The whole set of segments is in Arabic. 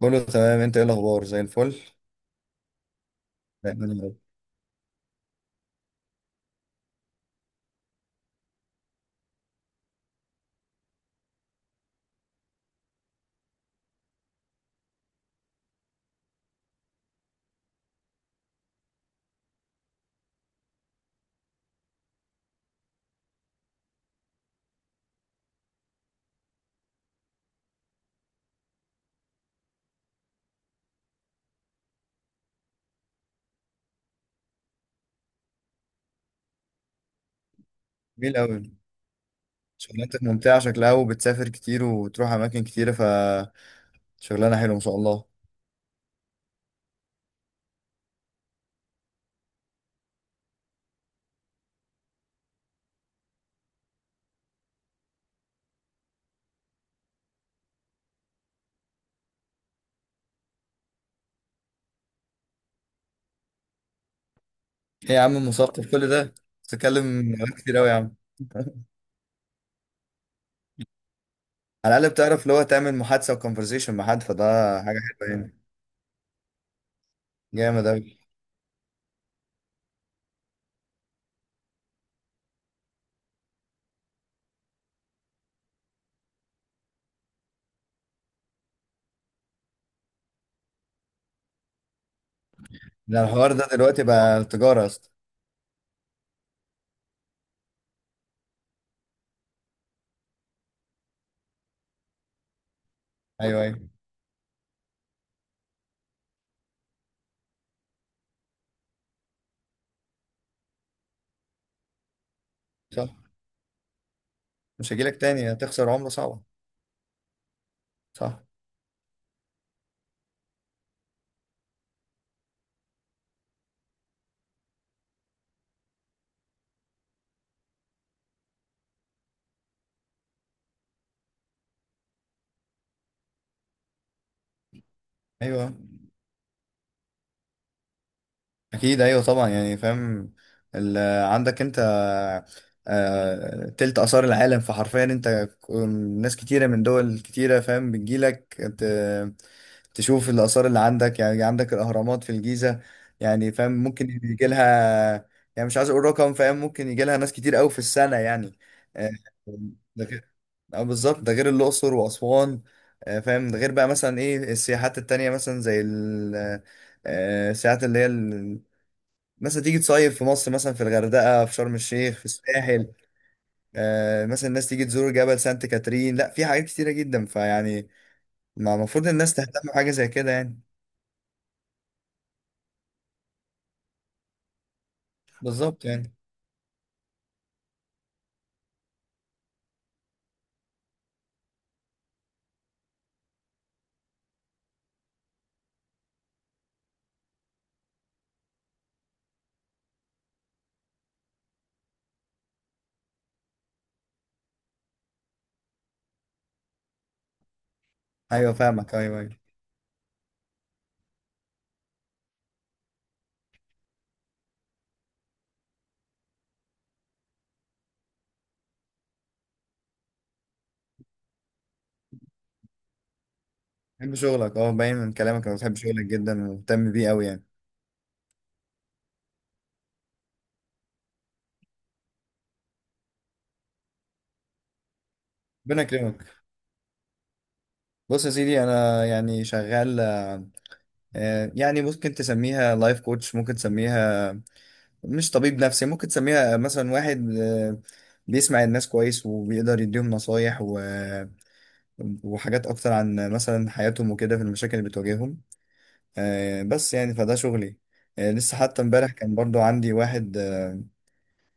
كله تمام، انت ايه الاخبار؟ زي الفل دايما يا رب. جميل قوي، شغلانتك ممتعه شكلها وبتسافر كتير وتروح اماكن كتيره، فشغلانه حلوه ما شاء الله. ايه يا عم، مثقف كل ده؟ بتتكلم كتير قوي يا عم على الاقل بتعرف اللي هو تعمل محادثه وكونفرزيشن مع حد، فده حاجه حلوه يعني. جامد قوي. ده الحوار ده دلوقتي بقى تجاره يا اسطى؟ ايوه، ايوه. صح، مش هجيلك تاني، هتخسر عمله صعبه. صح. ايوه، اكيد ايوه طبعا يعني فاهم. ال- عندك انت تلت آثار العالم، فحرفيا انت ناس كتيرة من دول كتيرة فاهم بتجيلك تشوف الآثار اللي عندك، يعني عندك الأهرامات في الجيزة، يعني فاهم ممكن يجي لها، يعني مش عايز أقول رقم، فاهم ممكن يجي لها ناس كتير أوي في السنة يعني. آه، ده غير، بالظبط ده غير الأقصر وأسوان. فاهم ده غير بقى مثلا إيه السياحات التانية، مثلا زي السياحات اللي هي مثلا تيجي تصيف في مصر، مثلا في الغردقة، في شرم الشيخ، في الساحل. مثلا الناس تيجي تزور جبل سانت كاترين، لا في حاجات كتيرة جدا، فيعني ما المفروض الناس تهتم بحاجة زي كده يعني. بالظبط يعني. ايوه فاهمك، ايوه ايوه. بحب شغلك، اه باين من كلامك انا بتحب شغلك جدا ومهتم بيه قوي يعني. ربنا يكرمك. بص يا سيدي، انا يعني شغال يعني ممكن تسميها لايف كوتش، ممكن تسميها مش طبيب نفسي، ممكن تسميها مثلا واحد بيسمع الناس كويس وبيقدر يديهم نصايح، و وحاجات أكتر عن مثلا حياتهم وكده، في المشاكل اللي بتواجههم. بس يعني فده شغلي. لسه حتى امبارح كان برضو عندي واحد،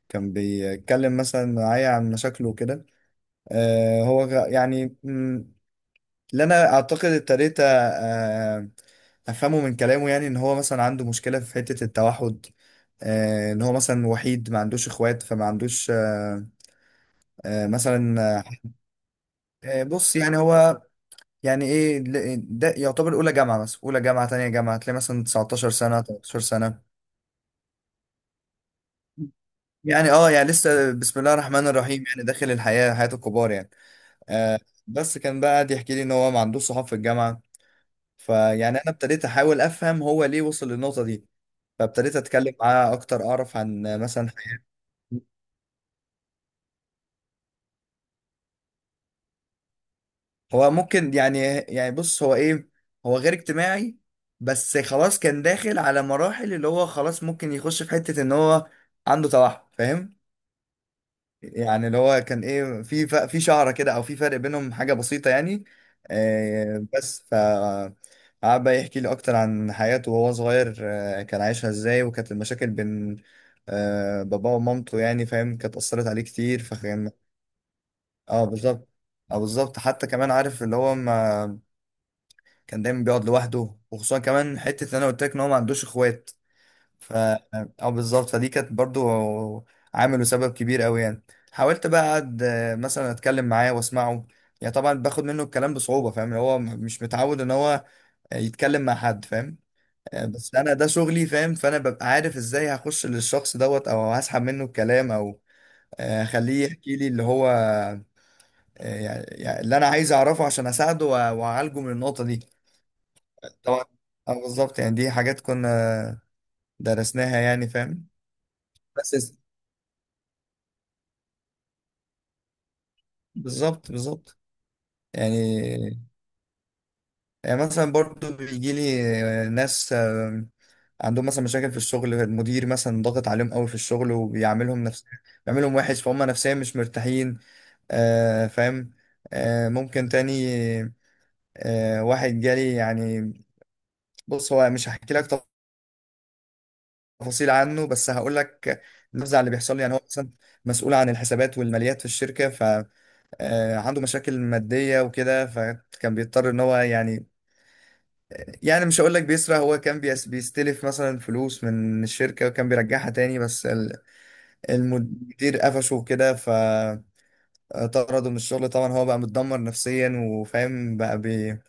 كان بيتكلم مثلا معايا عن مشاكله وكده. هو يعني، اللي أنا أعتقد ابتديت آه، أفهمه من كلامه، يعني إن هو مثلا عنده مشكلة في حتة التوحد. إن هو مثلا وحيد ما عندوش إخوات، فما عندوش مثلا. بص يعني هو، يعني ايه، ده يعتبر اولى جامعه، مثلا اولى جامعه، تانية جامعه، هتلاقي مثلا 19 سنه 13 سنه يعني. اه يعني لسه بسم الله الرحمن الرحيم، يعني داخل الحياه، حياه الكبار يعني. آه بس كان بقى قاعد يحكي لي ان هو ما عندوش صحاب في الجامعه. فيعني انا ابتديت احاول افهم هو ليه وصل للنقطه دي، فابتديت اتكلم معاه اكتر، اعرف عن مثلا حياته. هو ممكن يعني، يعني بص هو ايه، هو غير اجتماعي، بس خلاص كان داخل على مراحل اللي هو خلاص ممكن يخش في حته ان هو عنده توحد فاهم. يعني اللي هو كان ايه في في شعره كده، او في فرق بينهم، حاجه بسيطه يعني. آه، بس ف قعد بقى يحكي لي اكتر عن حياته وهو صغير، كان عايشها ازاي، وكانت المشاكل بين باباه ومامته، يعني فاهم كانت اثرت عليه كتير فكان. اه بالظبط، اه بالظبط. حتى كمان عارف اللي هو ما كان دايما بيقعد لوحده، وخصوصا كمان حته ان انا قلت لك ان هو ما عندوش اخوات. ف اه بالظبط، فدي كانت برضو عامل وسبب كبير قوي يعني. حاولت بقى اقعد، مثلا اتكلم معاه واسمعه، يعني طبعا باخد منه الكلام بصعوبة، فاهم هو مش متعود ان هو يتكلم مع حد فاهم. بس انا ده شغلي فاهم، فانا ببقى عارف ازاي هخش للشخص دوت، او هسحب منه الكلام، او اخليه يحكي لي اللي هو، يعني، اللي انا عايز اعرفه عشان اساعده واعالجه من النقطة دي. طبعا اه بالظبط يعني، دي حاجات كنا درسناها يعني فاهم. بس بالظبط بالظبط. يعني، مثلا برضو بيجي لي ناس عندهم مثلا مشاكل في الشغل، المدير مثلا ضاغط عليهم قوي في الشغل وبيعملهم نفس، بيعملهم وحش فهم نفسيا مش مرتاحين. فاهم. ممكن تاني. واحد جالي يعني، بص هو مش هحكي لك تفاصيل عنه، بس هقول لك النزعة اللي بيحصل لي. يعني هو مثلا مسؤول عن الحسابات والماليات في الشركة، فعنده مشاكل مادية وكده، فكان بيضطر ان هو يعني، يعني مش هقول لك بيسرق، هو كان بيستلف مثلا فلوس من الشركة وكان بيرجعها تاني، بس المدير قفشه كده فطرده من الشغل. طبعا هو بقى متدمر نفسيا وفاهم، بقى بي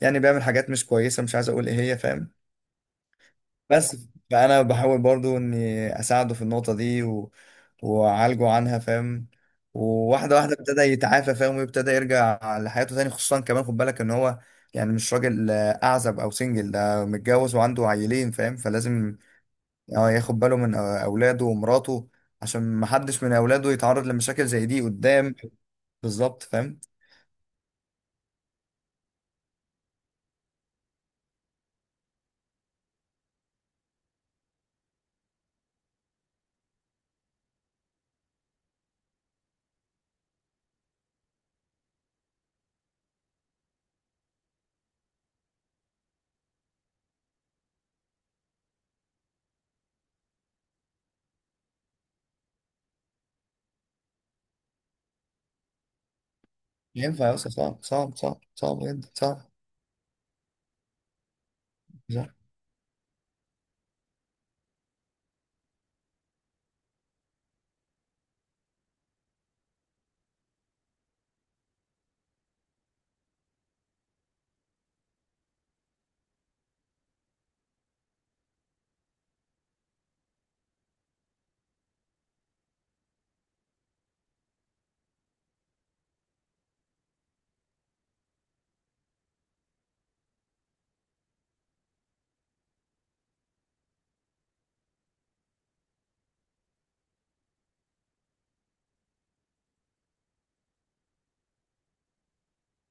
يعني بيعمل حاجات مش كويسة، مش عايز اقول ايه هي فاهم. بس فانا بحاول برضو اني اساعده في النقطه دي، واعالجه عنها فاهم. وواحده واحده ابتدى يتعافى فاهم، ويبتدى يرجع لحياته تاني، خصوصا كمان خد بالك ان هو يعني مش راجل، اعزب او سنجل، ده متجوز وعنده عيلين فاهم، فلازم ياخد باله من اولاده ومراته، عشان محدش من اولاده يتعرض لمشاكل زي دي قدام. بالظبط فاهم. مش ينفع يا أسطى، صعب صعب صعب صعب جدا صعب.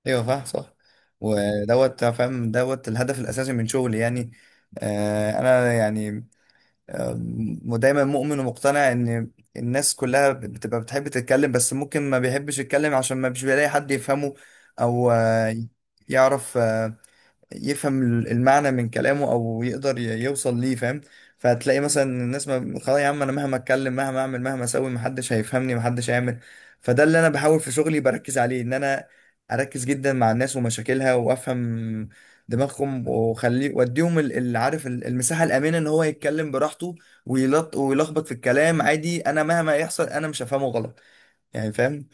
ايوه فاهم صح. ودوت فاهم دوت الهدف الاساسي من شغلي يعني. انا يعني، آه دايما مؤمن ومقتنع ان الناس كلها بتبقى بتحب تتكلم، بس ممكن ما بيحبش يتكلم عشان ما بيلاقي حد يفهمه، او يعرف، يفهم المعنى من كلامه، او يقدر يوصل ليه فاهم. فهتلاقي مثلا الناس، ما خلاص يا عم انا مهما اتكلم مهما اعمل مهما اسوي محدش هيفهمني محدش هيعمل. فده اللي انا بحاول في شغلي بركز عليه، ان انا اركز جدا مع الناس ومشاكلها، وافهم دماغهم، واخليه واديهم اللي عارف المساحه الامنه ان هو يتكلم براحته، ويلط ويلخبط في الكلام عادي، انا مهما يحصل انا مش هفهمه غلط يعني فاهم.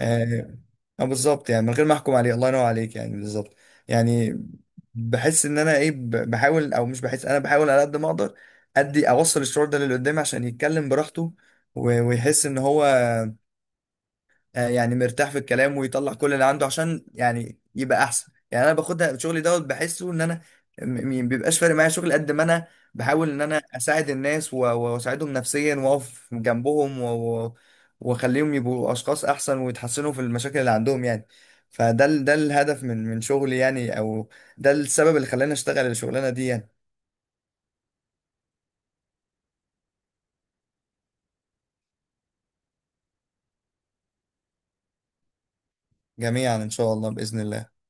آه بالظبط، يعني من غير ما احكم عليه، الله ينور عليك يعني بالظبط. يعني بحس ان انا ايه، بحاول، او مش بحس انا بحاول على قد ما اقدر ادي اوصل الشعور ده للي قدامي عشان يتكلم براحته، ويحس ان هو يعني مرتاح في الكلام، ويطلع كل اللي عنده عشان يعني يبقى احسن يعني. انا باخدها شغلي دوت، بحسه ان انا بيبقاش فارق معايا شغل قد ما انا بحاول ان انا اساعد الناس، واساعدهم نفسيا، واقف جنبهم واخليهم يبقوا اشخاص احسن ويتحسنوا في المشاكل اللي عندهم يعني. فده ده الهدف من شغلي يعني، او ده السبب اللي خلاني اشتغل الشغلانه دي يعني. جميعا ان شاء الله، باذن الله.